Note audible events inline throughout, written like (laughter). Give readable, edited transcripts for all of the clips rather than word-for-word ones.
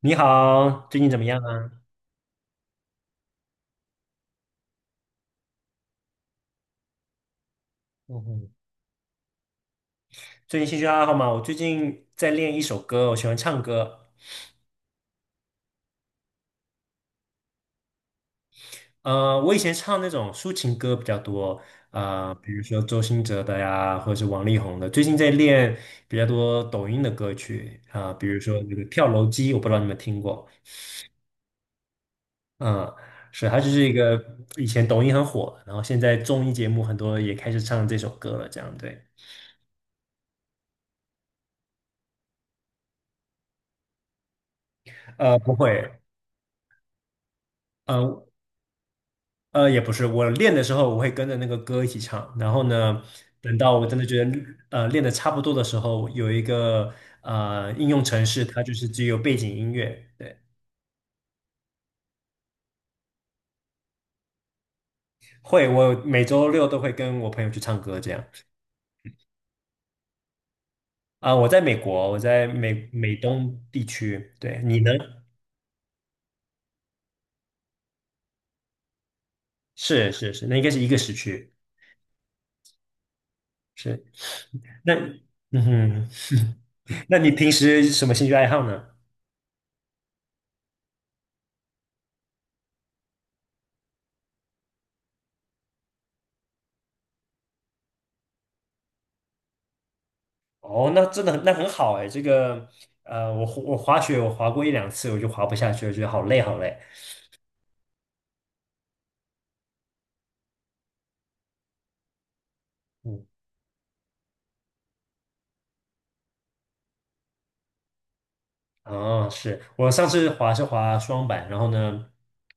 你好，最近怎么样啊？嗯哼。最近兴趣爱好嘛，我最近在练一首歌，我喜欢唱歌。我以前唱那种抒情歌比较多，比如说周兴哲的呀，或者是王力宏的。最近在练比较多抖音的歌曲啊，比如说那个跳楼机，我不知道你们听过。嗯。是，它就是一个以前抖音很火，然后现在综艺节目很多也开始唱这首歌了，这样对。不会。呃也不是，我练的时候我会跟着那个歌一起唱，然后呢，等到我真的觉得练的差不多的时候，有一个应用程式，它就是只有背景音乐。对。会，我每周六都会跟我朋友去唱歌这样。我在美国，我在美东地区。对，你呢？是是是，那应该是一个时区。是。那，嗯哼。(laughs) 那你平时什么兴趣爱好呢？哦，那真的很很好哎，这个我滑雪我滑过一两次，我就滑不下去，我觉得好累好累。嗯。哦，是我上次滑是滑双板，然后呢，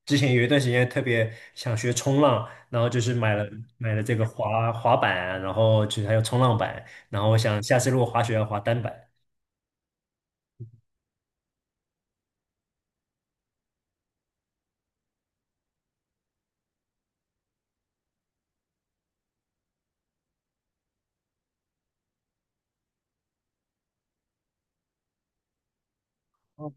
之前有一段时间特别想学冲浪，然后就是买了这个滑板，然后就是还有冲浪板，然后我想下次如果滑雪要滑单板。哦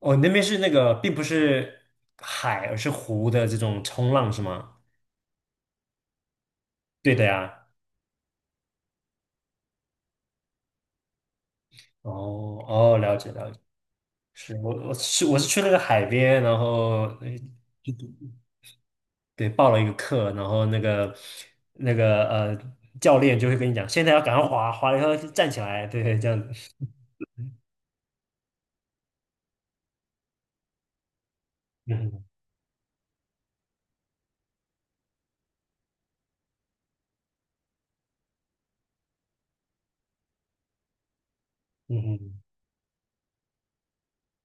哦，那边是那个并不是海，而是湖的这种冲浪是吗？对的呀。哦哦，了解了解。我去那个海边，然后对报了一个课，然后那个教练就会跟你讲，现在要赶快滑，滑了以后就站起来，对对，这样子。嗯哼嗯哼，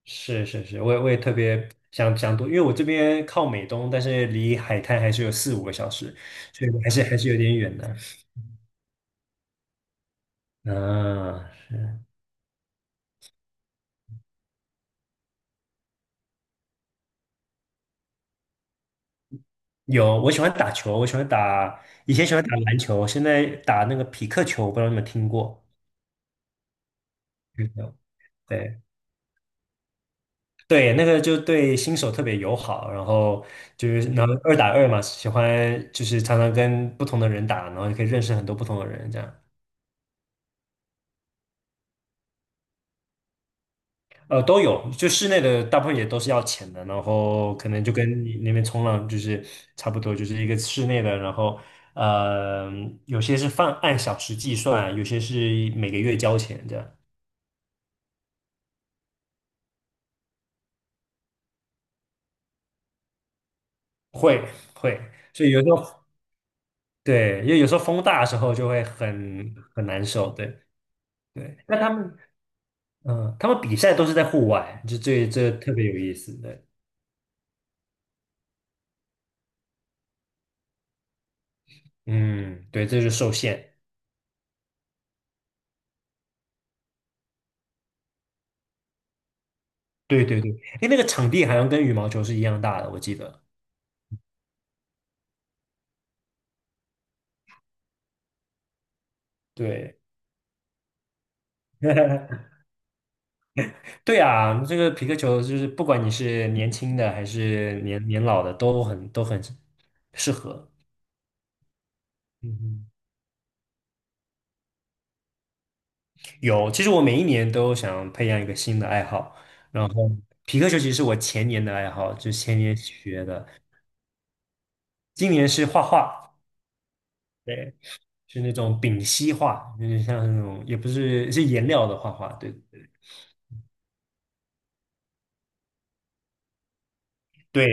是是是，我也特别想多，因为我这边靠美东，但是离海滩还是有四五个小时，所以还是有点远的。嗯。有，我喜欢打球，我喜欢打以前喜欢打篮球，现在打那个匹克球，不知道你们听过？对。对，那个就对新手特别友好，然后就是能二打二嘛，喜欢就是常常跟不同的人打，然后也可以认识很多不同的人，这样。都有，就室内的大部分也都是要钱的，然后可能就跟你那边冲浪就是差不多，就是一个室内的，然后呃有些是按小时计算，有些是每个月交钱这样。会会，所以有时候对，因为有时候风大的时候就会很难受，对对，那他们。嗯，他们比赛都是在户外，这特别有意思对。嗯。对，这就受限。对对对，哎，那个场地好像跟羽毛球是一样大的，我记得。对。(laughs) 对啊，这个皮克球就是不管你是年轻的还是年老的，都很适合。嗯哼。有，其实我每一年都想培养一个新的爱好，然后皮克球其实是我前年的爱好，就前年学的，今年是画画。对。是那种丙烯画，有点像那种，也不是，是颜料的画画。对对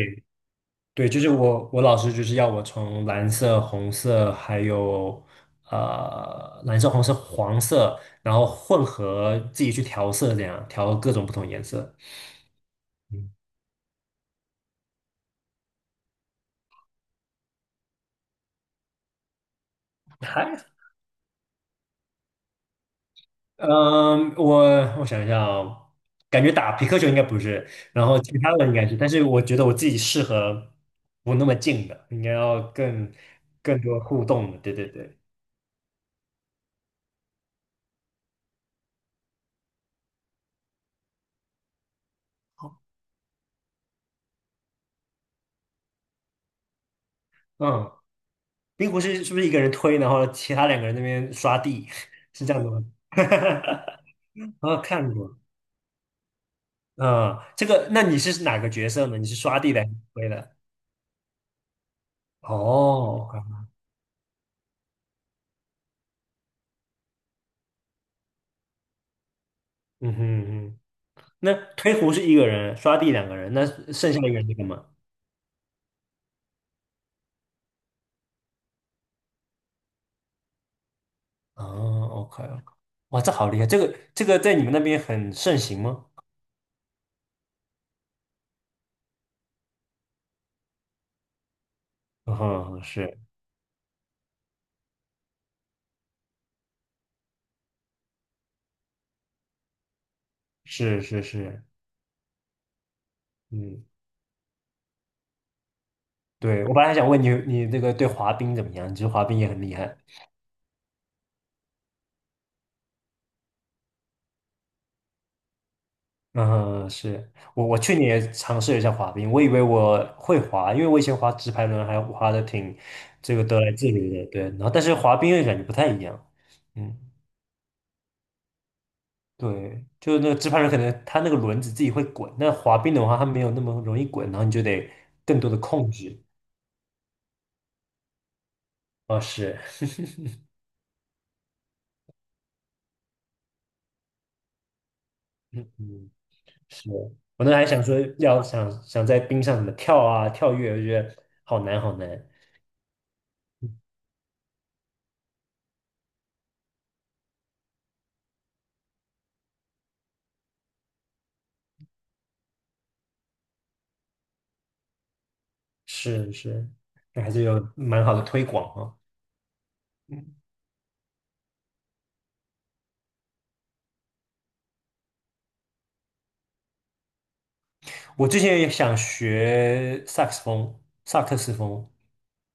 对，就是我老师就是要我从蓝色、红色，还有蓝色、红色、黄色，然后混合自己去调色，这样调各种不同颜色。嗯。还嗯，我想一下哦。感觉打皮克球应该不是，然后其他的应该是，但是我觉得我自己适合不那么近的，应该要更多互动的，对对对。嗯。冰壶是不是一个人推，然后其他两个人那边刷地，(laughs) 是这样的吗？(laughs) 啊，看过。嗯，这个，那你是哪个角色呢？你是刷地的还是推的？哦。嗯哼嗯哼，那推壶是一个人，刷地两个人，那剩下一个人在干嘛？哦，OK。哇，这好厉害，这个在你们那边很盛行吗？嗯哼。是是是是。嗯，对，我本来还想问你，你那个对滑冰怎么样？你觉得滑冰也很厉害？嗯。是我去年也尝试了一下滑冰，我以为我会滑，因为我以前滑直排轮还滑的挺这个得来自如的，对。然后但是滑冰又感觉不太一样。嗯。对，就是那个直排轮可能它那个轮子自己会滚，那滑冰的话它没有那么容易滚，然后你就得更多的控制。哦，是。(laughs) 嗯嗯。是我那还想说要想想在冰上怎么跳啊跳跃，我觉得好难好难。嗯。是是，那还是有蛮好的推广啊。嗯。我之前也想学萨克斯风，萨克斯风。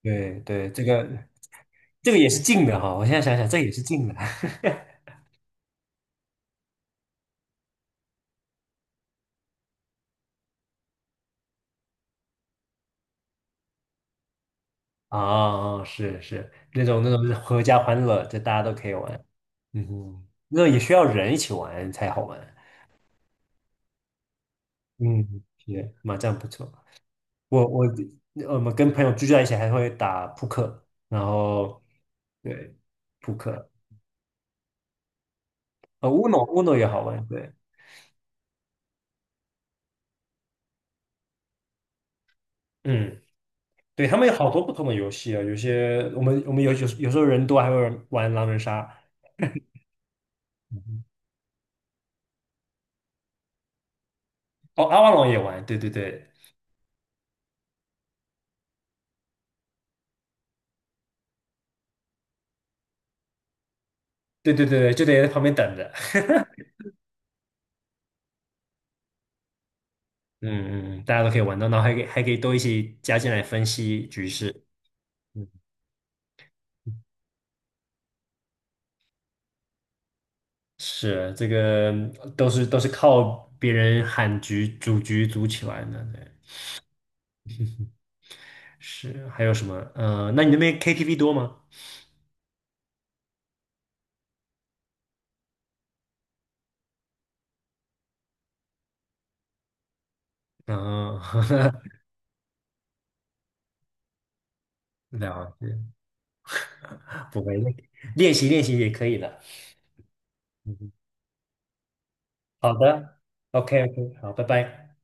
对对，这个也是近的哈，我现在想想，这个也是近的 (laughs) 啊，是那种是合家欢乐，这大家都可以玩。嗯哼。那也需要人一起玩才好玩。嗯，也麻将不错。我我我们跟朋友聚在一起还会打扑克，然后对，扑克。乌诺，乌诺也好玩，对。嗯。对，他们有好多不同的游戏啊，有些我们有时候人多还会玩狼人杀。哦，阿瓦隆也玩，对对对对对对对，就得在旁边等着。(laughs) 嗯嗯，大家都可以玩到，然后还可以都一起加进来分析局势。嗯，是这个都是靠别人喊局组局组起来的，对。是还有什么？那你那边 KTV 多吗？嗯。(laughs) 了解，不会，练习练习也可以的。好的，OK OK，好，拜拜。